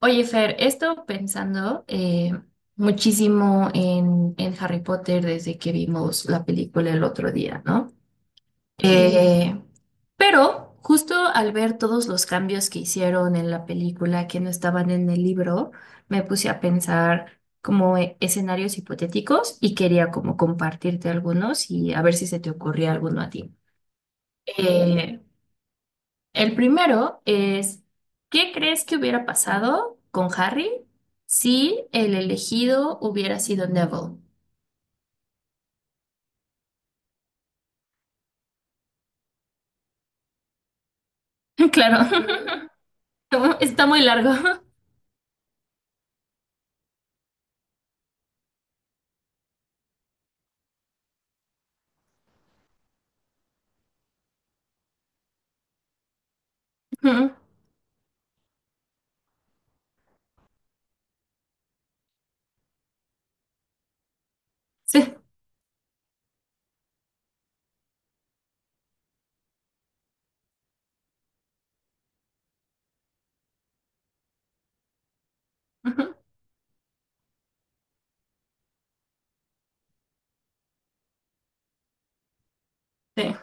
Oye, Fer, he estado pensando muchísimo en Harry Potter desde que vimos la película el otro día, ¿no? Eh, pero justo al ver todos los cambios que hicieron en la película que no estaban en el libro, me puse a pensar como escenarios hipotéticos y quería como compartirte algunos y a ver si se te ocurría alguno a ti. Eh, el primero es, ¿qué crees que hubiera pasado con Harry si el elegido hubiera sido Neville? Claro, está muy largo. Ujú. Sí, ujú, sí,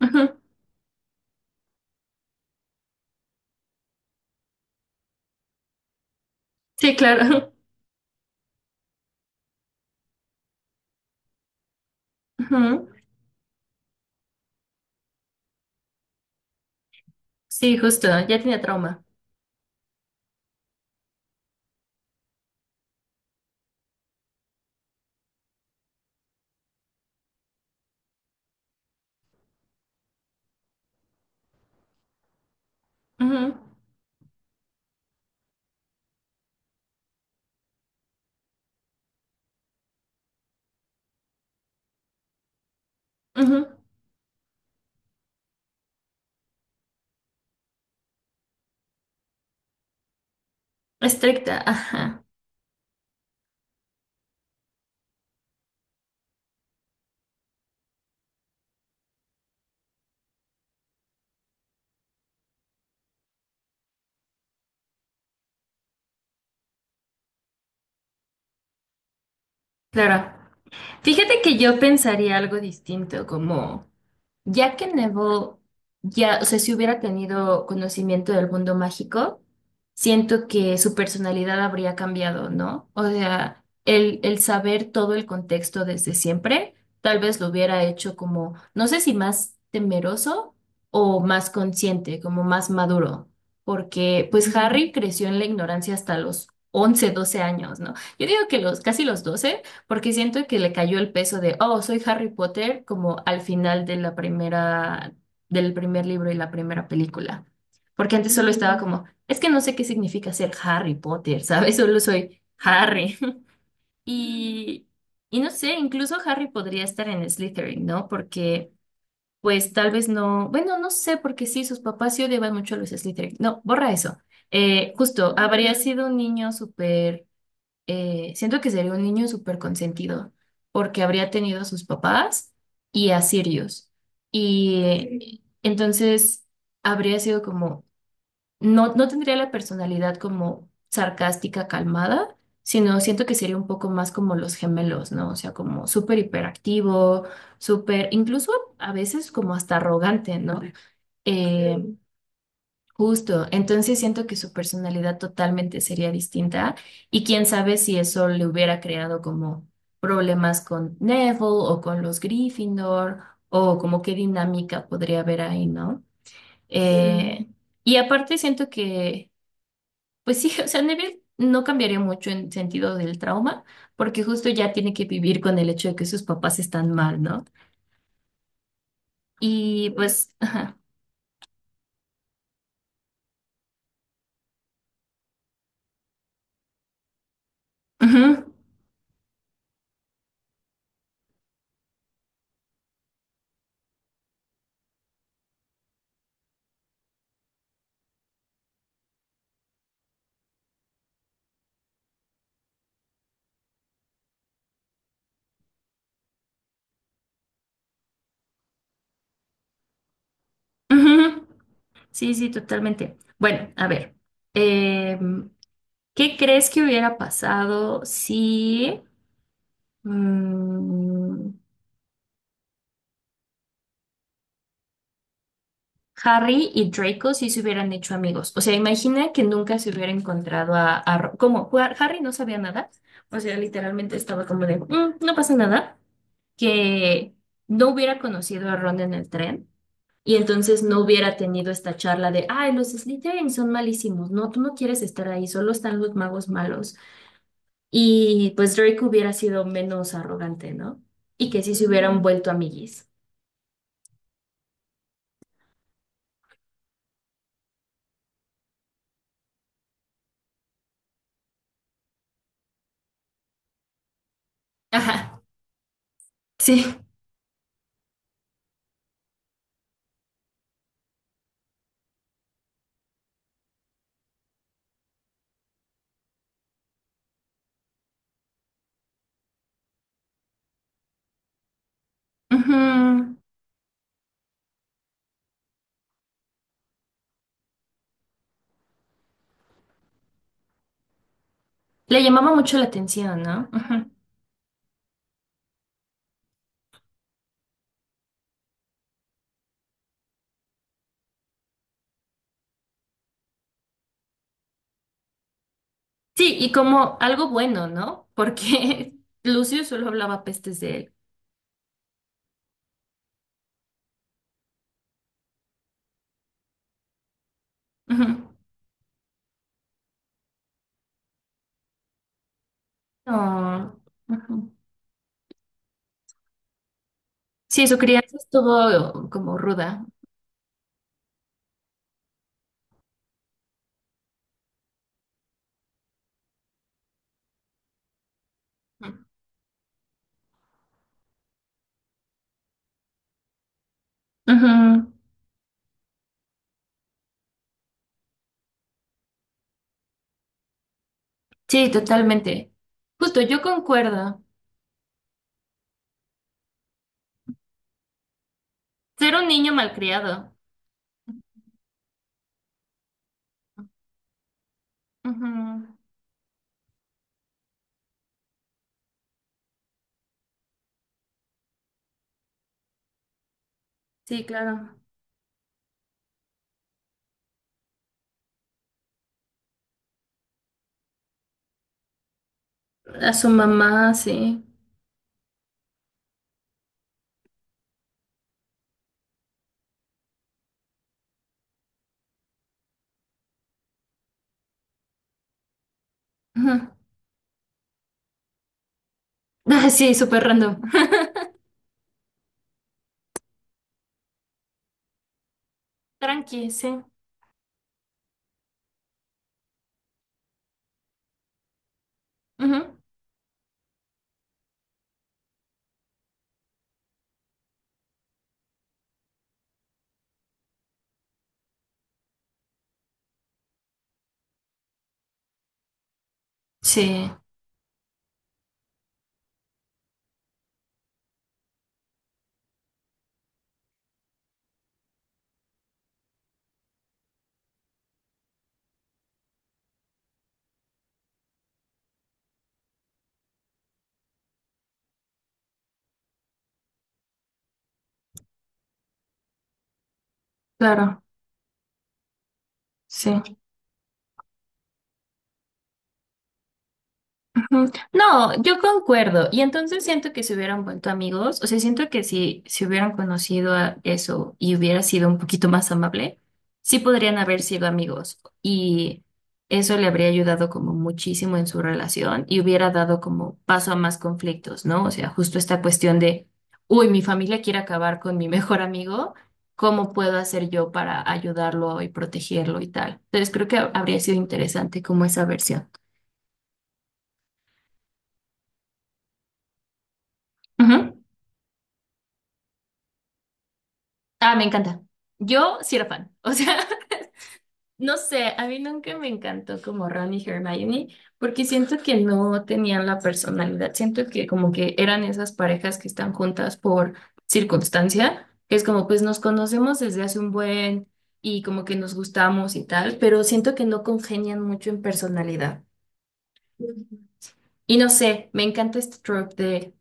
ujú. Sí, claro. Ujú. Sí, justo, ya tenía trauma. Ujú, ujú. Estricta, ajá, claro. Fíjate que yo pensaría algo distinto, como ya que Neville ya, o sea, si hubiera tenido conocimiento del mundo mágico, siento que su personalidad habría cambiado, ¿no? O sea, el saber todo el contexto desde siempre, tal vez lo hubiera hecho como, no sé si más temeroso o más consciente, como más maduro, porque pues, ujú, Harry creció en la ignorancia hasta los 11 12 años, ¿no? Yo digo que los casi los 12, porque siento que le cayó el peso de, oh, soy Harry Potter, como al final de la primera, del primer libro y la primera película. Porque antes solo estaba como, es que no sé qué significa ser Harry Potter, ¿sabes? Solo soy Harry. Y, y no sé, incluso Harry podría estar en Slytherin, ¿no? Porque, pues tal vez no, bueno, no sé, porque sí, sus papás sí odiaban mucho a los Slytherin. No, borra eso. Justo, habría sido un niño súper siento que sería un niño súper consentido, porque habría tenido a sus papás y a Sirius. Y entonces habría sido como, no, no tendría la personalidad como sarcástica, calmada, sino siento que sería un poco más como los gemelos, ¿no? O sea, como súper hiperactivo, súper, incluso a veces como hasta arrogante, ¿no? Eh, Justo, entonces siento que su personalidad totalmente sería distinta y quién sabe si eso le hubiera creado como problemas con Neville o con los Gryffindor o como qué dinámica podría haber ahí, ¿no? Sí. Y aparte siento que, pues sí, o sea, Neville no cambiaría mucho en sentido del trauma porque justo ya tiene que vivir con el hecho de que sus papás están mal, ¿no? Y sí, pues, ujú. Sí, sí, totalmente. Bueno, a ver, em, ¿qué crees que hubiera pasado si mm, Harry y Draco sí se hubieran hecho amigos? O sea, imagina que nunca se hubiera encontrado a Harry no sabía nada, o sea, literalmente estaba como de, "Mm, no pasa nada, que no hubiera conocido a Ron en el tren. Y entonces no hubiera tenido esta charla de, ay, los Slytherin son malísimos, no, tú no quieres estar ahí, solo están los magos malos. Y pues Draco hubiera sido menos arrogante, ¿no? Y que sí se hubieran vuelto amiguis. Ajá, sí. Ujú. Le llamaba mucho la atención, ¿no? Ujú. Sí, y como algo bueno, ¿no? Porque Lucio solo hablaba pestes de él. Ujú. No. Ujú. Sí, su crianza estuvo como ruda. Ujú. Ujú. Sí, totalmente. Justo, yo concuerdo. Ser un niño malcriado. Ujú. Sí, claro. A su mamá, sí. Ujú. Ah, sí, súper random. Tranqui, sí. Ujú. Sí, claro, sí. Mm, no, yo concuerdo. Y entonces siento que se hubieran vuelto amigos, o sea, siento que si se hubieran conocido a eso y hubiera sido un poquito más amable, sí podrían haber sido amigos. Y eso le habría ayudado como muchísimo en su relación y hubiera dado como paso a más conflictos, ¿no? O sea, justo esta cuestión de, uy, mi familia quiere acabar con mi mejor amigo, ¿cómo puedo hacer yo para ayudarlo y protegerlo y tal? Entonces creo que habría sido interesante como esa versión. Ujú. Ah, me encanta. Yo sí era fan. O sea, no sé, a mí nunca me encantó como Ron y Hermione, porque siento que no tenían la personalidad. Siento que como que eran esas parejas que están juntas por circunstancia, que es como pues nos conocemos desde hace un buen y como que nos gustamos y tal, pero siento que no congenian mucho en personalidad. Y no sé, me encanta este trope de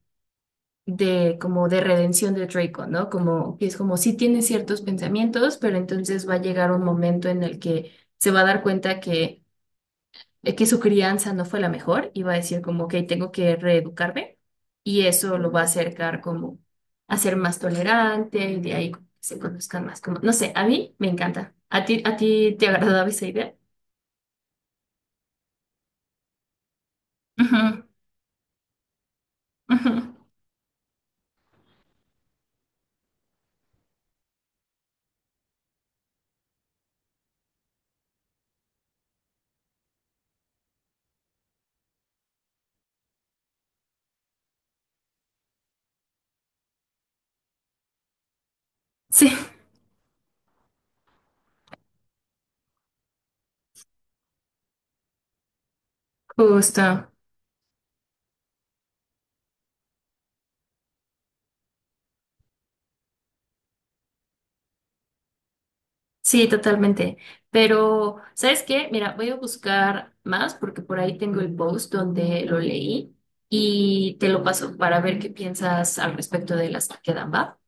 como de redención de Draco, ¿no? Como que es como si tiene ciertos pensamientos, pero entonces va a llegar un momento en el que se va a dar cuenta que su crianza no fue la mejor y va a decir como, ok, tengo que reeducarme y eso lo va a acercar como a ser más tolerante y de ahí como que se conozcan más, como, no sé, a mí me encanta. ¿A ti te agradaba esa idea? Ujú, ujú. Sí, justo. Sí, totalmente. Pero, ¿sabes qué? Mira, voy a buscar más porque por ahí tengo el post donde lo leí y te lo paso para ver qué piensas al respecto de las que quedan, ¿va?